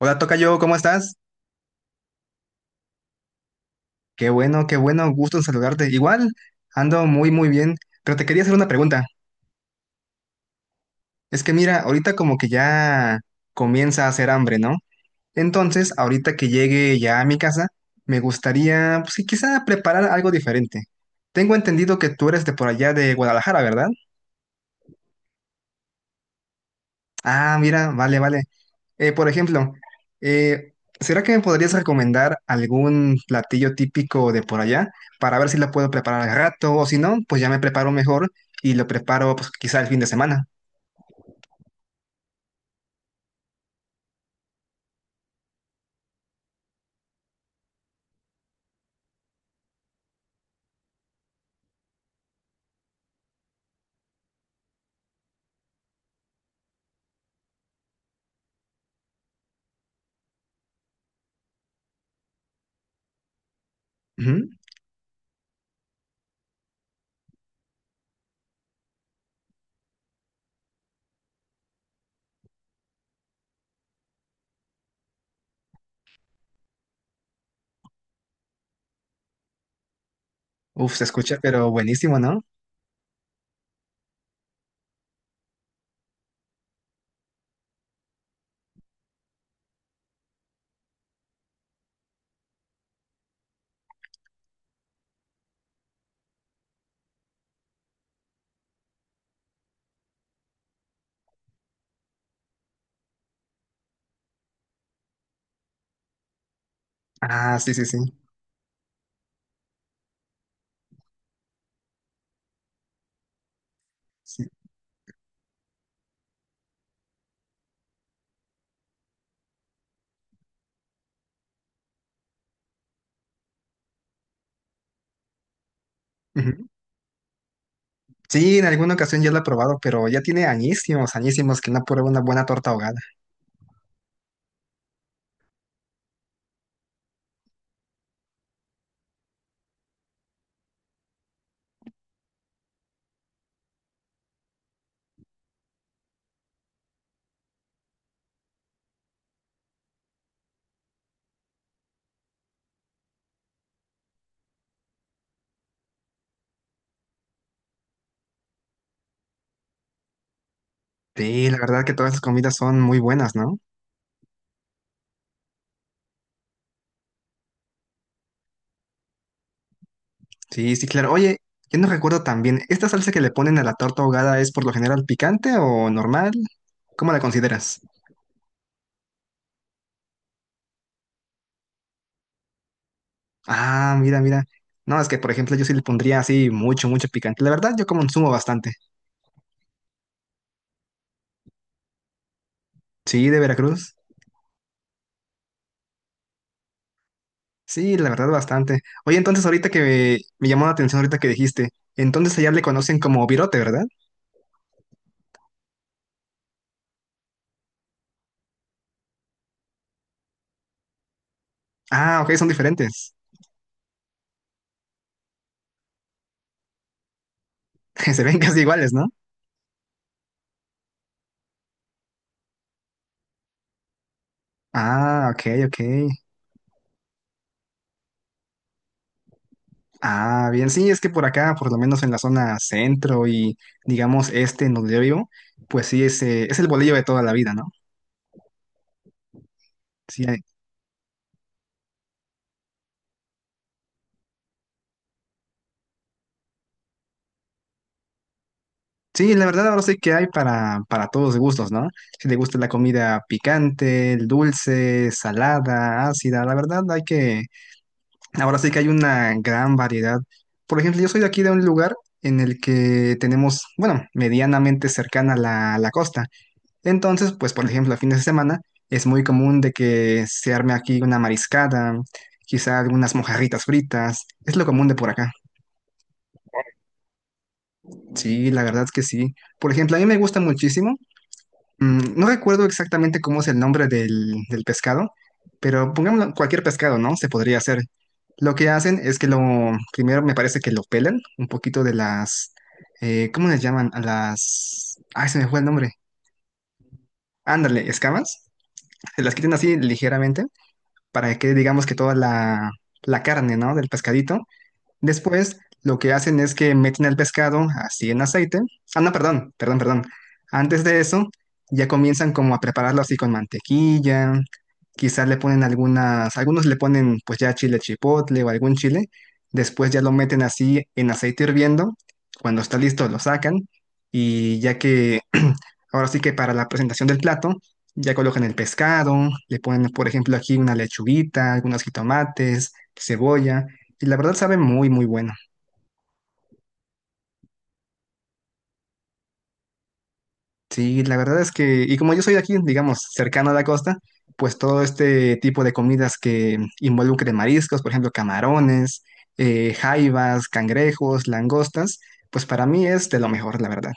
Hola, tocayo, ¿cómo estás? Qué bueno, gusto en saludarte. Igual, ando muy, muy bien, pero te quería hacer una pregunta. Es que mira, ahorita como que ya comienza a hacer hambre, ¿no? Entonces, ahorita que llegue ya a mi casa, me gustaría, pues, sí, quizá preparar algo diferente. Tengo entendido que tú eres de por allá de Guadalajara, ¿verdad? Ah, mira, vale, vale. Por ejemplo, eh, ¿será que me podrías recomendar algún platillo típico de por allá para ver si lo puedo preparar al rato o si no, pues ya me preparo mejor y lo preparo pues quizá el fin de semana? Ujú. Uf, se escucha, pero buenísimo, ¿no? Ah, sí, sí, sí. Sí. Ujú. Sí, en alguna ocasión ya lo he probado, pero ya tiene añísimos, añísimos que no pruebo una buena torta ahogada. Sí, la verdad que todas las comidas son muy buenas, ¿no? Sí, sí, claro. Oye, yo no recuerdo también, ¿esta salsa que le ponen a la torta ahogada es por lo general picante o normal? ¿Cómo la consideras? Ah, mira, mira. No, es que por ejemplo yo sí le pondría así mucho, mucho picante. La verdad, yo consumo bastante. Sí, de Veracruz. Sí, la verdad, bastante. Oye, entonces ahorita me llamó la atención ahorita que dijiste, entonces allá le conocen como virote, ¿verdad? Ah, ok, son diferentes. Se ven casi iguales, ¿no? Ah, ok, ok. Ah, bien, sí, es que por acá, por lo menos en la zona centro y digamos este en donde yo vivo, pues sí, es el bolillo de toda la vida, ¿no? Sí, hay- sí, la verdad ahora sí que hay para todos gustos, ¿no? Si te gusta la comida picante, dulce, salada, ácida, la verdad hay que, ahora sí que hay una gran variedad. Por ejemplo, yo soy de aquí de un lugar en el que tenemos, bueno, medianamente cercana la costa. Entonces, pues por ejemplo, a fines de semana es muy común de que se arme aquí una mariscada, quizá algunas mojarritas fritas, es lo común de por acá. Sí, la verdad es que sí. Por ejemplo, a mí me gusta muchísimo, no recuerdo exactamente cómo es el nombre del pescado, pero pongámoslo, cualquier pescado, ¿no? Se podría hacer. Lo que hacen es que primero me parece que lo pelan un poquito de las, ¿cómo les llaman? A las... Ay, se me fue el nombre. Ándale, escamas. Se las quitan así ligeramente para que digamos, que toda la carne, ¿no? Del pescadito. Después, lo que hacen es que meten el pescado así en aceite. Ah, no, perdón, perdón, perdón. Antes de eso, ya comienzan como a prepararlo así con mantequilla. Quizás le ponen algunas, algunos le ponen pues ya chile chipotle o algún chile. Después ya lo meten así en aceite hirviendo. Cuando está listo, lo sacan. Y ya que, ahora sí que para la presentación del plato, ya colocan el pescado, le ponen, por ejemplo, aquí una lechuguita, algunos jitomates, cebolla. Y la verdad sabe muy, muy bueno. Sí, la verdad es que, y como yo soy de aquí, digamos, cercano a la costa, pues todo este tipo de comidas que involucre mariscos, por ejemplo, camarones, jaivas, cangrejos, langostas, pues para mí es de lo mejor, la verdad.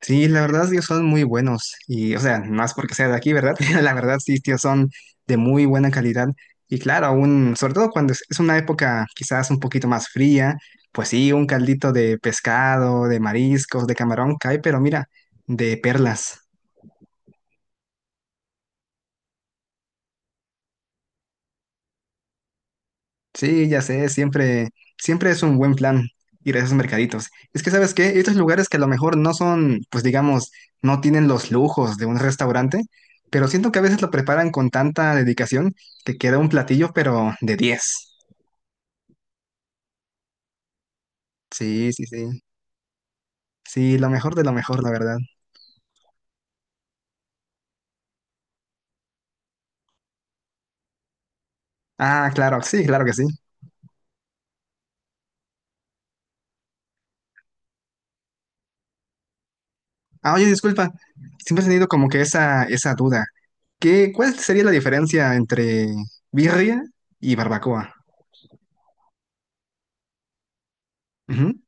Sí, la verdad, ellos son muy buenos. Y, o sea, no es porque sea de aquí, ¿verdad? La verdad, sí, tío, son de muy buena calidad. Y claro, aún, sobre todo cuando es una época quizás un poquito más fría, pues sí, un caldito de pescado, de mariscos, de camarón cae, pero mira, de perlas. Sí, ya sé, siempre, siempre es un buen plan ir a esos mercaditos. Es que, ¿sabes qué? Estos lugares que a lo mejor no son, pues digamos, no tienen los lujos de un restaurante, pero siento que a veces lo preparan con tanta dedicación que queda un platillo, pero de diez. Sí, sí, sí. Sí, lo mejor de lo mejor, la verdad. Ah, claro, sí, claro que sí. Ah, oye, disculpa, siempre he tenido como que esa duda. ¿Qué, cuál sería la diferencia entre birria y barbacoa? Ujú.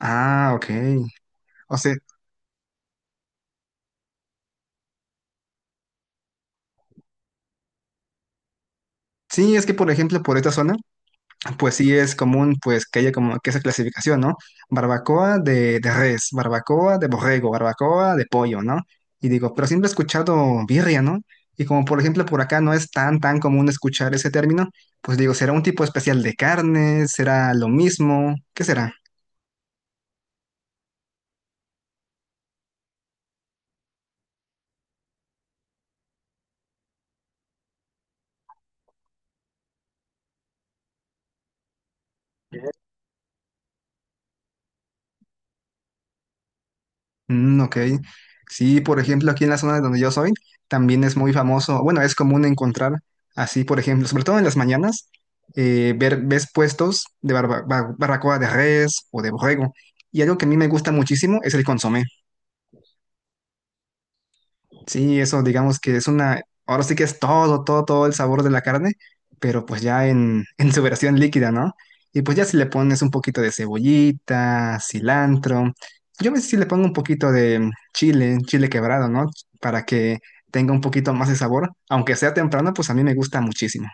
Ah, ok. O sea, sí, es que por ejemplo por esta zona, pues sí es común pues que haya como que esa clasificación, ¿no? Barbacoa de res, barbacoa de borrego, barbacoa de pollo, ¿no? Y digo, pero siempre he escuchado birria, ¿no? Y como por ejemplo por acá no es tan tan común escuchar ese término, pues digo, ¿será un tipo especial de carne? ¿Será lo mismo? ¿Qué será? Mm, ok. Sí, por ejemplo, aquí en la zona donde yo soy, también es muy famoso, bueno, es común encontrar así, por ejemplo, sobre todo en las mañanas, ver, ves puestos de barba- bar- barbacoa de res o de borrego. Y algo que a mí me gusta muchísimo es el consomé. Sí, eso digamos que es una, ahora sí que es todo, todo, todo el sabor de la carne, pero pues ya en, en su versión líquida, ¿no? Y pues ya si le pones un poquito de cebollita, cilantro, yo a veces sí le pongo un poquito de chile, chile quebrado, ¿no? Para que tenga un poquito más de sabor, aunque sea temprano, pues a mí me gusta muchísimo.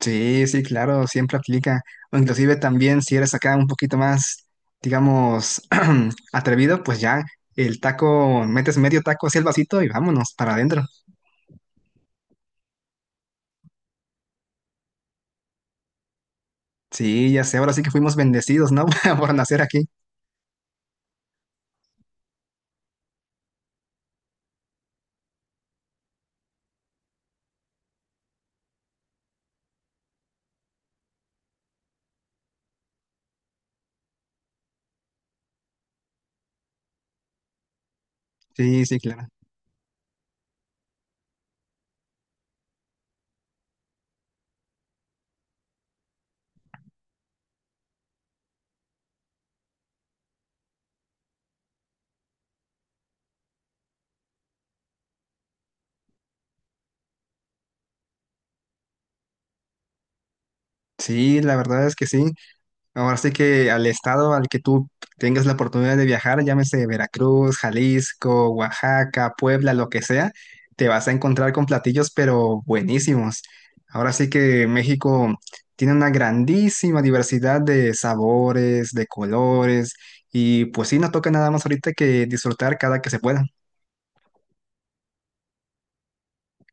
Sí, sí, claro, siempre aplica. O inclusive también si eres acá un poquito más, digamos, atrevido, pues ya el taco, metes medio taco hacia el vasito y vámonos para adentro. Sí, ya sé, ahora sí que fuimos bendecidos, ¿no? Por nacer aquí. Sí, sí, claro. Sí, la verdad es que sí. Ahora sí que al estado al que tú tengas la oportunidad de viajar, llámese Veracruz, Jalisco, Oaxaca, Puebla, lo que sea, te vas a encontrar con platillos pero buenísimos. Ahora sí que México tiene una grandísima diversidad de sabores, de colores y pues sí, no toca nada más ahorita que disfrutar cada que se pueda.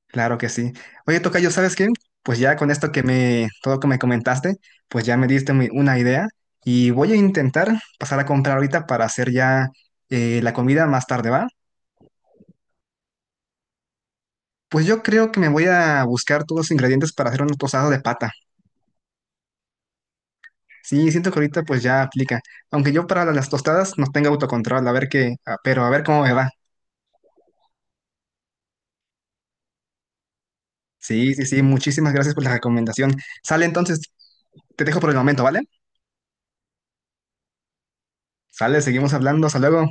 Claro que sí. Oye, Tocayo, ¿sabes qué? Pues ya con esto que me, todo lo que me comentaste, pues ya me diste muy- una idea y voy a intentar pasar a comprar ahorita para hacer ya la comida más tarde, ¿va? Pues yo creo que me voy a buscar todos los ingredientes para hacer unos tostados de pata. Sí, siento que ahorita pues ya aplica. Aunque yo para las tostadas no tengo autocontrol, a ver qué, a- pero a ver cómo me va. Sí, sí, sí, muchísimas gracias por la recomendación. Sale entonces, te dejo por el momento, ¿vale? Sale, seguimos hablando, hasta luego.